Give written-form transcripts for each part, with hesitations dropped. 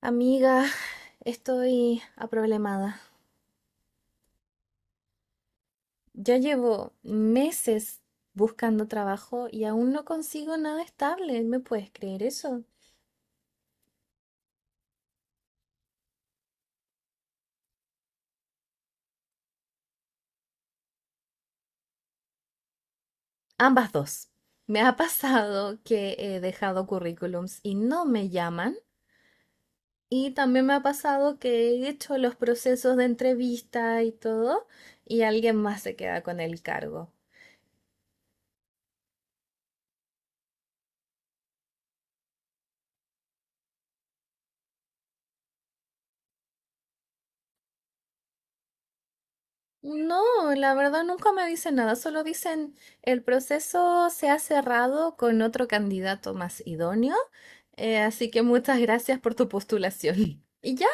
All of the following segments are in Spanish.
Amiga, estoy aproblemada. Ya llevo meses buscando trabajo y aún no consigo nada estable. ¿Me puedes creer eso? Ambas dos. Me ha pasado que he dejado currículums y no me llaman. Y también me ha pasado que he hecho los procesos de entrevista y todo, y alguien más se queda con el cargo. No, la verdad nunca me dicen nada, solo dicen el proceso se ha cerrado con otro candidato más idóneo, así que muchas gracias por tu postulación. ¿Y ya?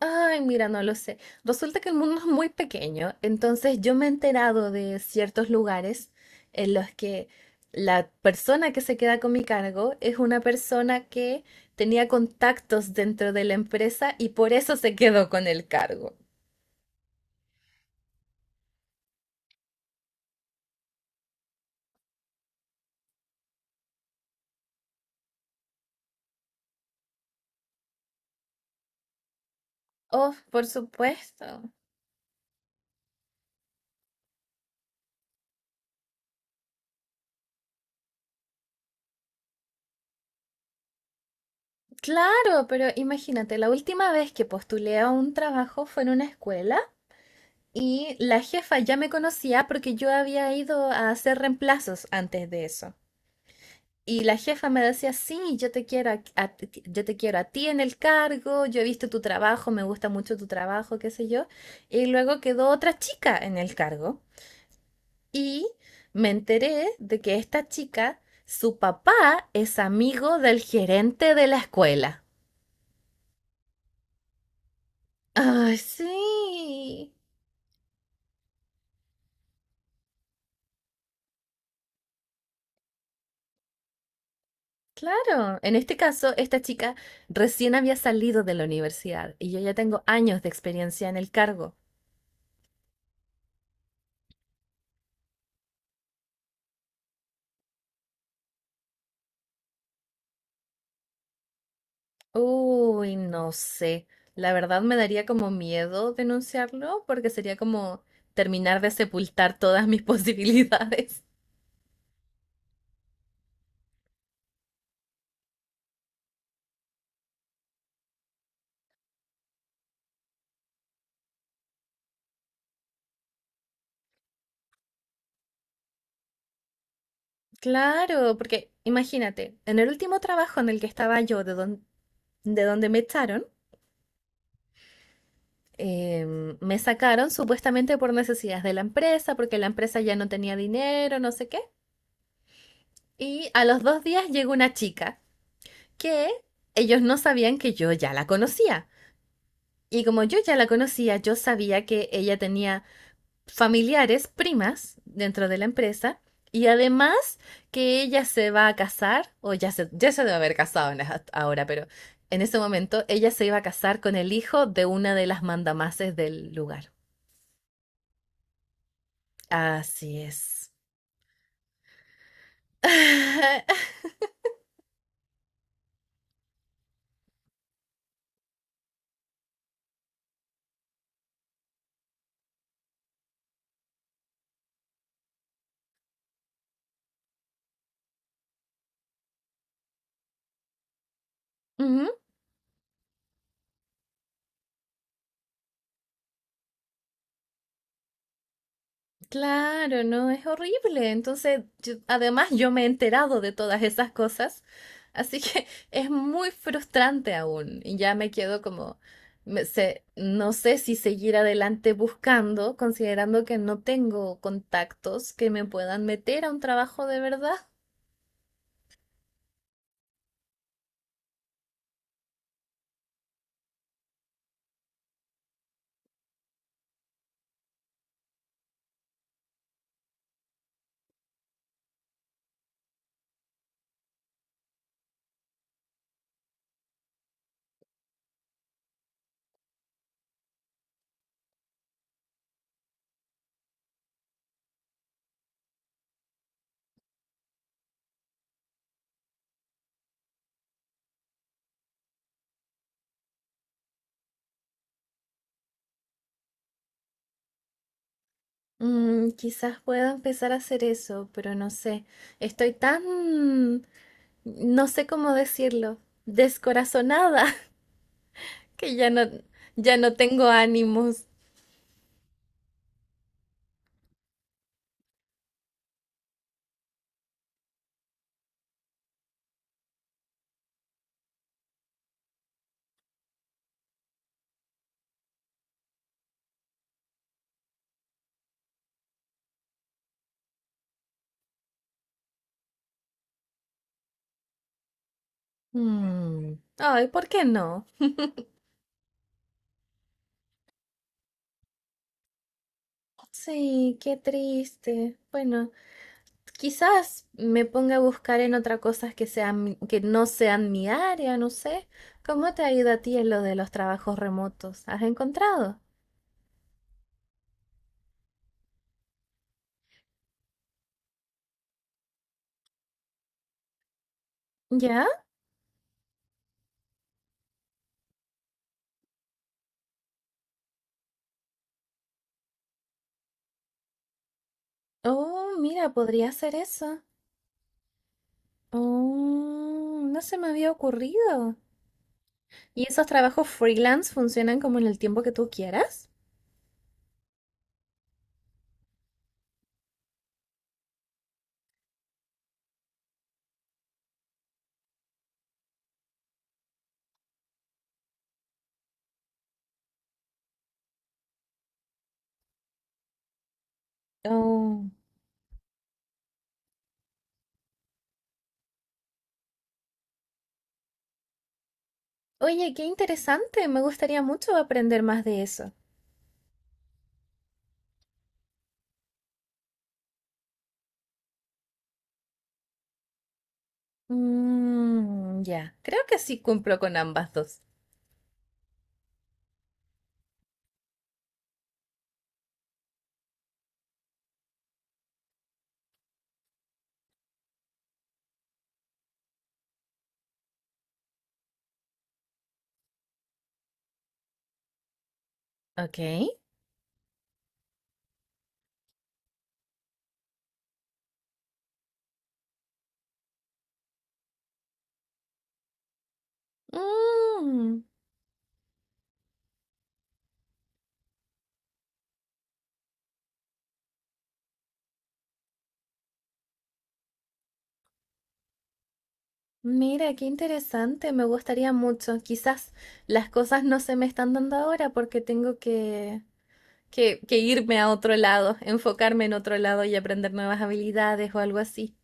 Ay, mira, no lo sé. Resulta que el mundo es muy pequeño, entonces yo me he enterado de ciertos lugares en los que la persona que se queda con mi cargo es una persona que tenía contactos dentro de la empresa y por eso se quedó con el cargo. Oh, por supuesto. Claro, pero imagínate, la última vez que postulé a un trabajo fue en una escuela y la jefa ya me conocía porque yo había ido a hacer reemplazos antes de eso. Y la jefa me decía, sí, yo te quiero a ti en el cargo, yo he visto tu trabajo, me gusta mucho tu trabajo, qué sé yo. Y luego quedó otra chica en el cargo y me enteré de que esta chica, su papá es amigo del gerente de la escuela. Ay, sí, claro. En este caso, esta chica recién había salido de la universidad y yo ya tengo años de experiencia en el cargo. Uy, no sé. La verdad me daría como miedo denunciarlo porque sería como terminar de sepultar todas mis posibilidades. Claro, porque imagínate, en el último trabajo en el que estaba yo, de donde me echaron, me sacaron supuestamente por necesidades de la empresa, porque la empresa ya no tenía dinero, no sé qué. Y a los dos días llegó una chica que ellos no sabían que yo ya la conocía. Y como yo ya la conocía, yo sabía que ella tenía familiares, primas, dentro de la empresa. Y además que ella se va a casar, ya se debe haber casado ahora, pero en ese momento ella se iba a casar con el hijo de una de las mandamases del lugar. Así es. Ujú. Claro, no, es horrible. Entonces, además yo me he enterado de todas esas cosas, así que es muy frustrante aún. Y ya me quedo como, no sé si seguir adelante buscando, considerando que no tengo contactos que me puedan meter a un trabajo de verdad. Mm, quizás pueda empezar a hacer eso, pero no sé. Estoy tan, no sé cómo decirlo, descorazonada que ya no tengo ánimos. Mm, ay, ¿por qué no? Sí, qué triste. Bueno, quizás me ponga a buscar en otra cosas que sean, que no sean mi área, no sé. ¿Cómo te ha ido a ti en lo de los trabajos remotos? ¿Has encontrado? ¿Ya? Oh, mira, podría hacer eso. Oh, no se me había ocurrido. ¿Y esos trabajos freelance funcionan como en el tiempo que tú quieras? Oh. Oye, qué interesante. Me gustaría mucho aprender más de eso. Mm, ya, creo que sí cumplo con ambas dos. Ok. Mm, mira, qué interesante. Me gustaría mucho. Quizás las cosas no se me están dando ahora porque tengo que irme a otro lado, enfocarme en otro lado y aprender nuevas habilidades o algo así.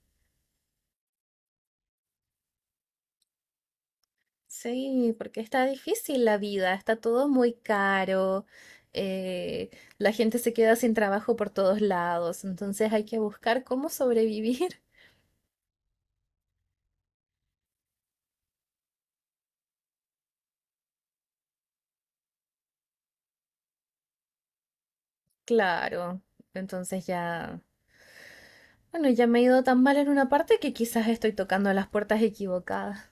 Sí, porque está difícil la vida, está todo muy caro, eh, la gente se queda sin trabajo por todos lados, entonces hay que buscar cómo sobrevivir. Claro, entonces ya, bueno, ya me he ido tan mal en una parte que quizás estoy tocando las puertas equivocadas.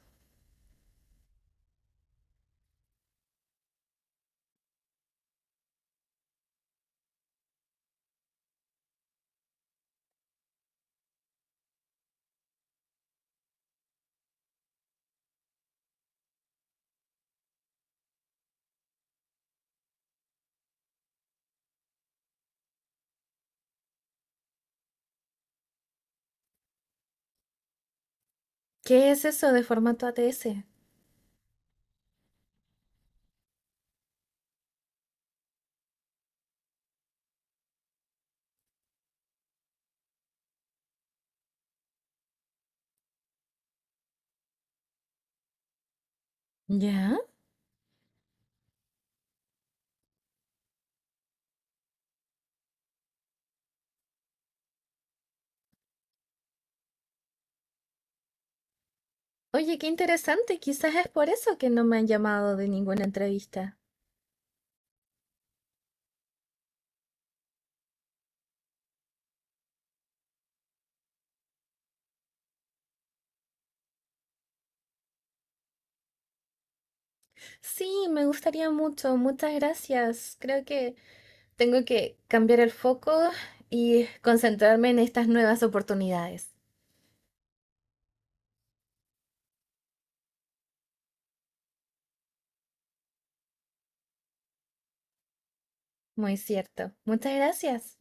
¿Qué es eso de formato ATS? ¿Ya? Oye, qué interesante, quizás es por eso que no me han llamado de ninguna entrevista. Sí, me gustaría mucho, muchas gracias. Creo que... Tengo que cambiar el foco y concentrarme en estas nuevas oportunidades. Muy cierto. Muchas gracias.